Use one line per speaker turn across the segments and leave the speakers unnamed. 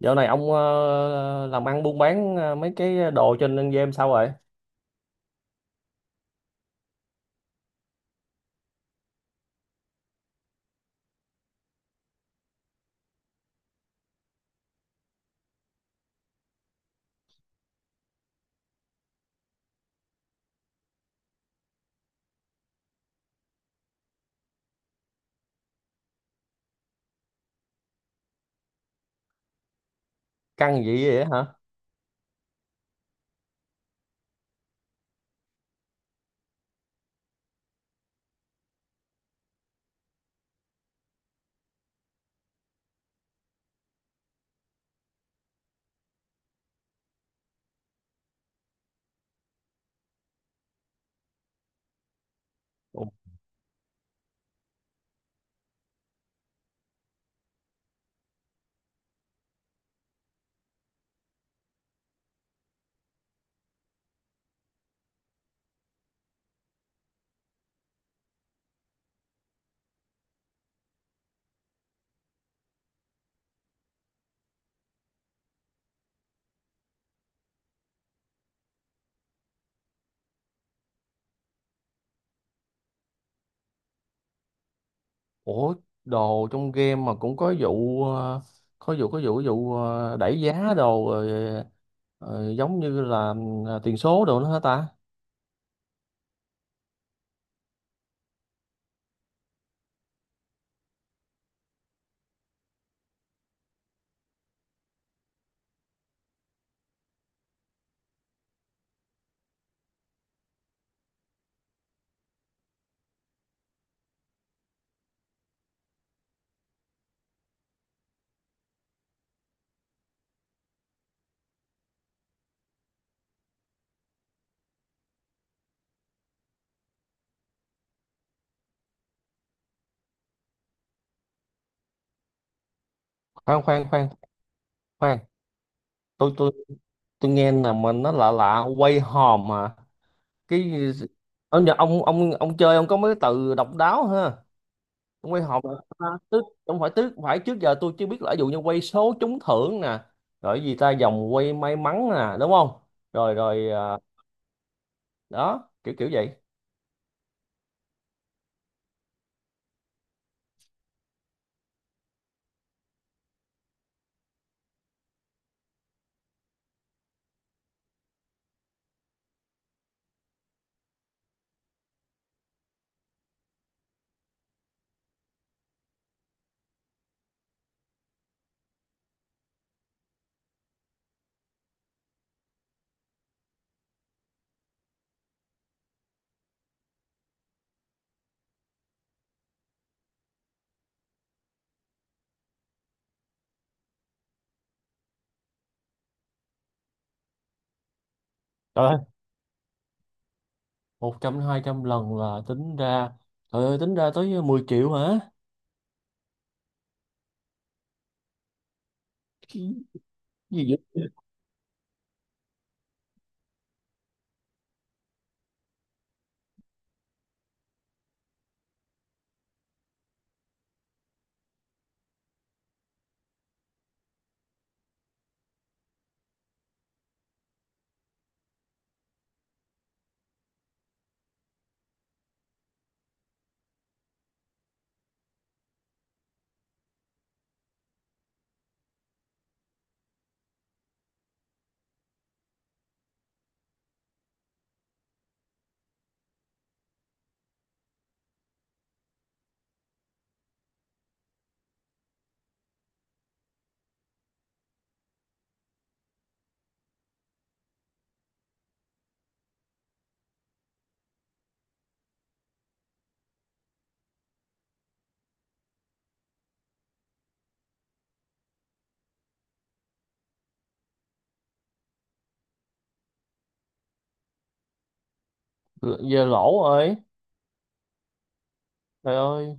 Dạo này ông làm ăn buôn bán mấy cái đồ trên game sao rồi? Căng vậy vậy hả? Ủa, ủa, đồ trong game mà cũng có vụ ờ, có vụ có vụ có vụ đẩy giá đồ rồi, giống như là tiền số đồ nữa hả ta? Khoan khoan khoan khoan, tôi tôi tôi nghe là mình nó lạ lạ quay hòm mà. Cái ông chơi ông có mấy cái từ độc đáo ha. Trong quy là, tức không phải, tức phải trước giờ tôi chưa biết, là ví dụ như quay số trúng thưởng nè, rồi cái gì ta, vòng quay may mắn nè, đúng không? Rồi rồi, đó kiểu kiểu vậy. Trời ơi, một trăm hai trăm lần là tính ra, trời ơi, tính ra tới mười triệu hả? Cái gì vậy? Giờ lỗ rồi. Trời ơi,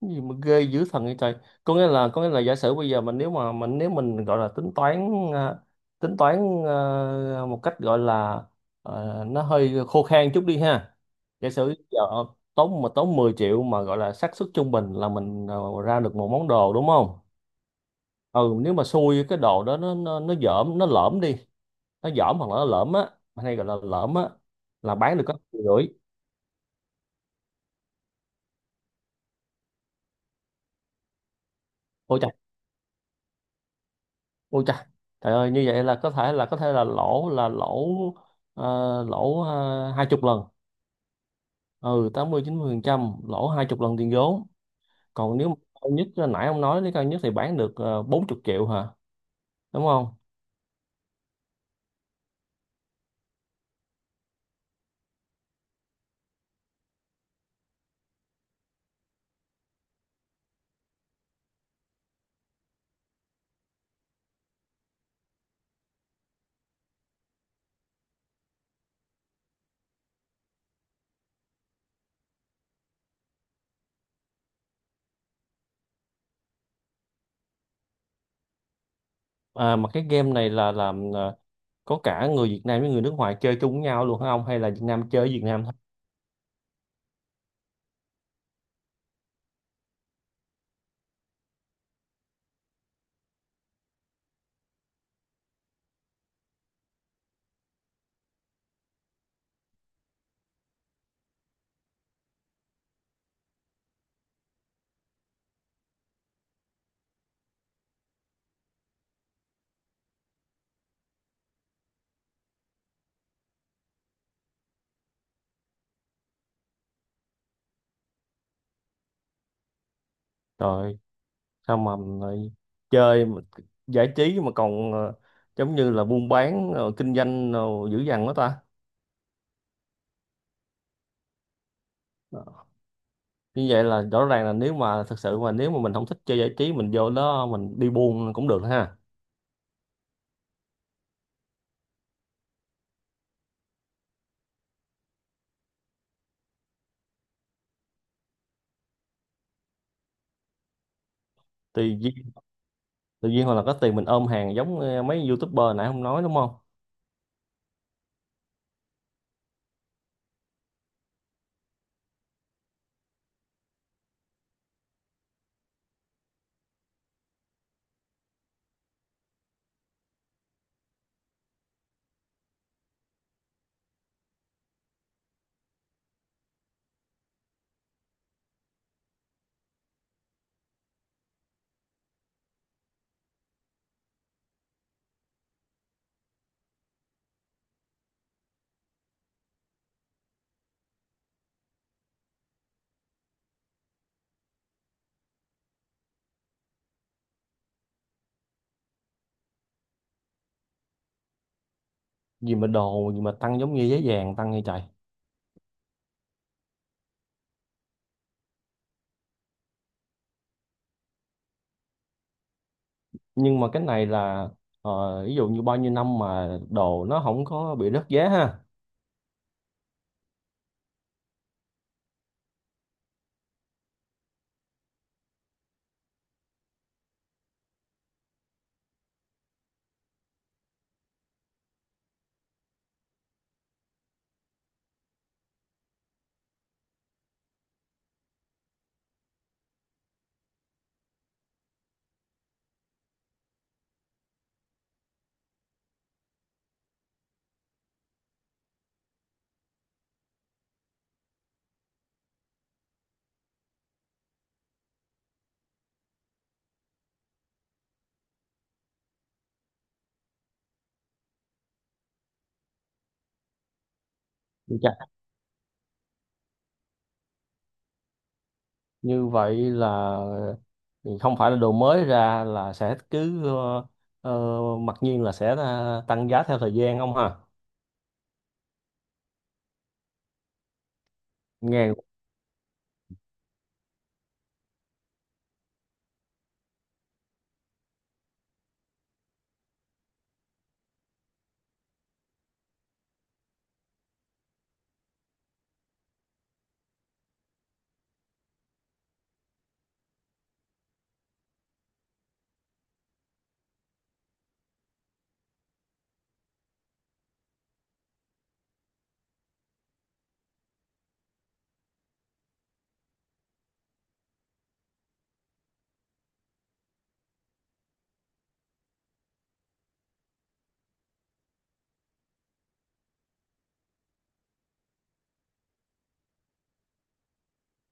cái gì mà ghê dữ thần vậy trời. Có nghĩa là giả sử bây giờ mình, nếu mà mình, nếu mình gọi là tính toán, tính toán một cách gọi là nó hơi khô khan chút đi ha. Giả sử giờ tốn 10 triệu, mà gọi là xác suất trung bình là mình ra được một món đồ đúng không? Ừ, nếu mà xui, cái đồ đó nó dởm, nó lởm đi, nó dởm hoặc là nó lởm á, hay gọi là lởm á, là bán được có triệu rưỡi. Ôi, ôi trời, trời ơi, như vậy là có thể là lỗ, là lỗ ờ, lỗ hai chục lần. Ừ, tám mươi chín mươi phần trăm lỗ hai chục lần tiền vốn. Còn nếu mà cao nhất, là nãy ông nói, nếu cao nhất thì bán được 40 triệu hả? Đúng không? À, mà cái game này là có cả người Việt Nam với người nước ngoài chơi chung với nhau luôn hả ông, hay là Việt Nam chơi với Việt Nam thôi? Trời, sao mà lại chơi mà giải trí mà còn giống như là buôn bán, kinh doanh, dữ dằn quá ta. Như vậy là rõ ràng là, nếu mà thật sự mà, nếu mà mình không thích chơi giải trí, mình vô đó mình đi buôn cũng được ha. Tùy duyên. Tự nhiên hoặc là có tiền mình ôm hàng, giống mấy youtuber nãy không, nói đúng không? Gì mà đồ gì mà tăng giống như giá vàng tăng như trời. Nhưng mà cái này là, ví dụ như bao nhiêu năm mà đồ nó không có bị rớt giá ha? Chà, như vậy là không phải là đồ mới ra là sẽ cứ, mặc nhiên là sẽ tăng giá theo thời gian không ha? Nghe.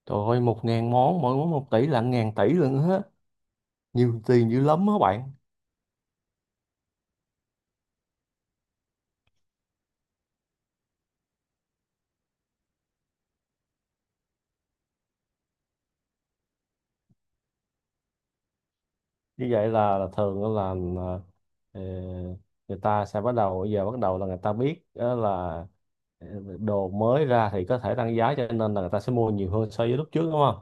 Trời ơi, một ngàn món, mỗi món một tỷ là ngàn tỷ luôn á. Nhiều tiền dữ lắm á bạn. Như vậy là, thường á là, ờ, người ta sẽ bắt đầu, bây giờ bắt đầu là người ta biết á, là ờ, đồ mới ra thì có thể tăng giá, cho nên là người ta sẽ mua nhiều hơn so với lúc trước đúng không?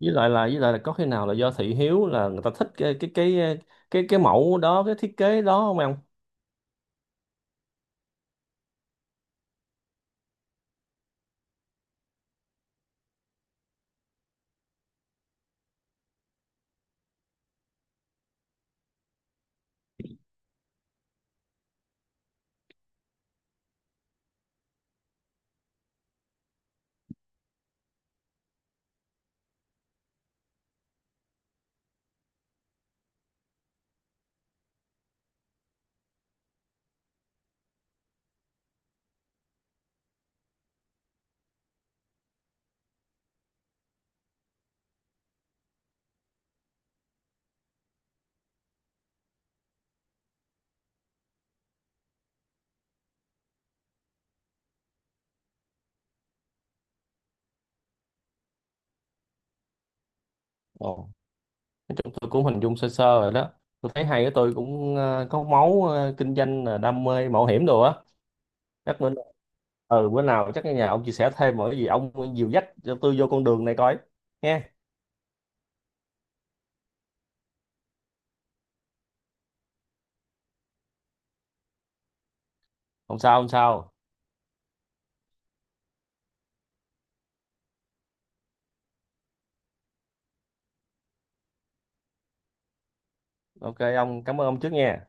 với lại là có khi nào là do thị hiếu, là người ta thích cái mẫu đó, cái thiết kế đó không em? Ồ, chúng tôi cũng hình dung sơ sơ rồi đó. Tôi thấy hay á, tôi cũng có máu kinh doanh, là đam mê mạo hiểm đồ á. Chắc bữa, ừ, bữa nào chắc ở nhà ông chia sẻ thêm mọi cái gì, ông dìu dắt cho tôi vô con đường này coi nghe. Không sao không sao. Ok, ông cảm ơn ông trước nha.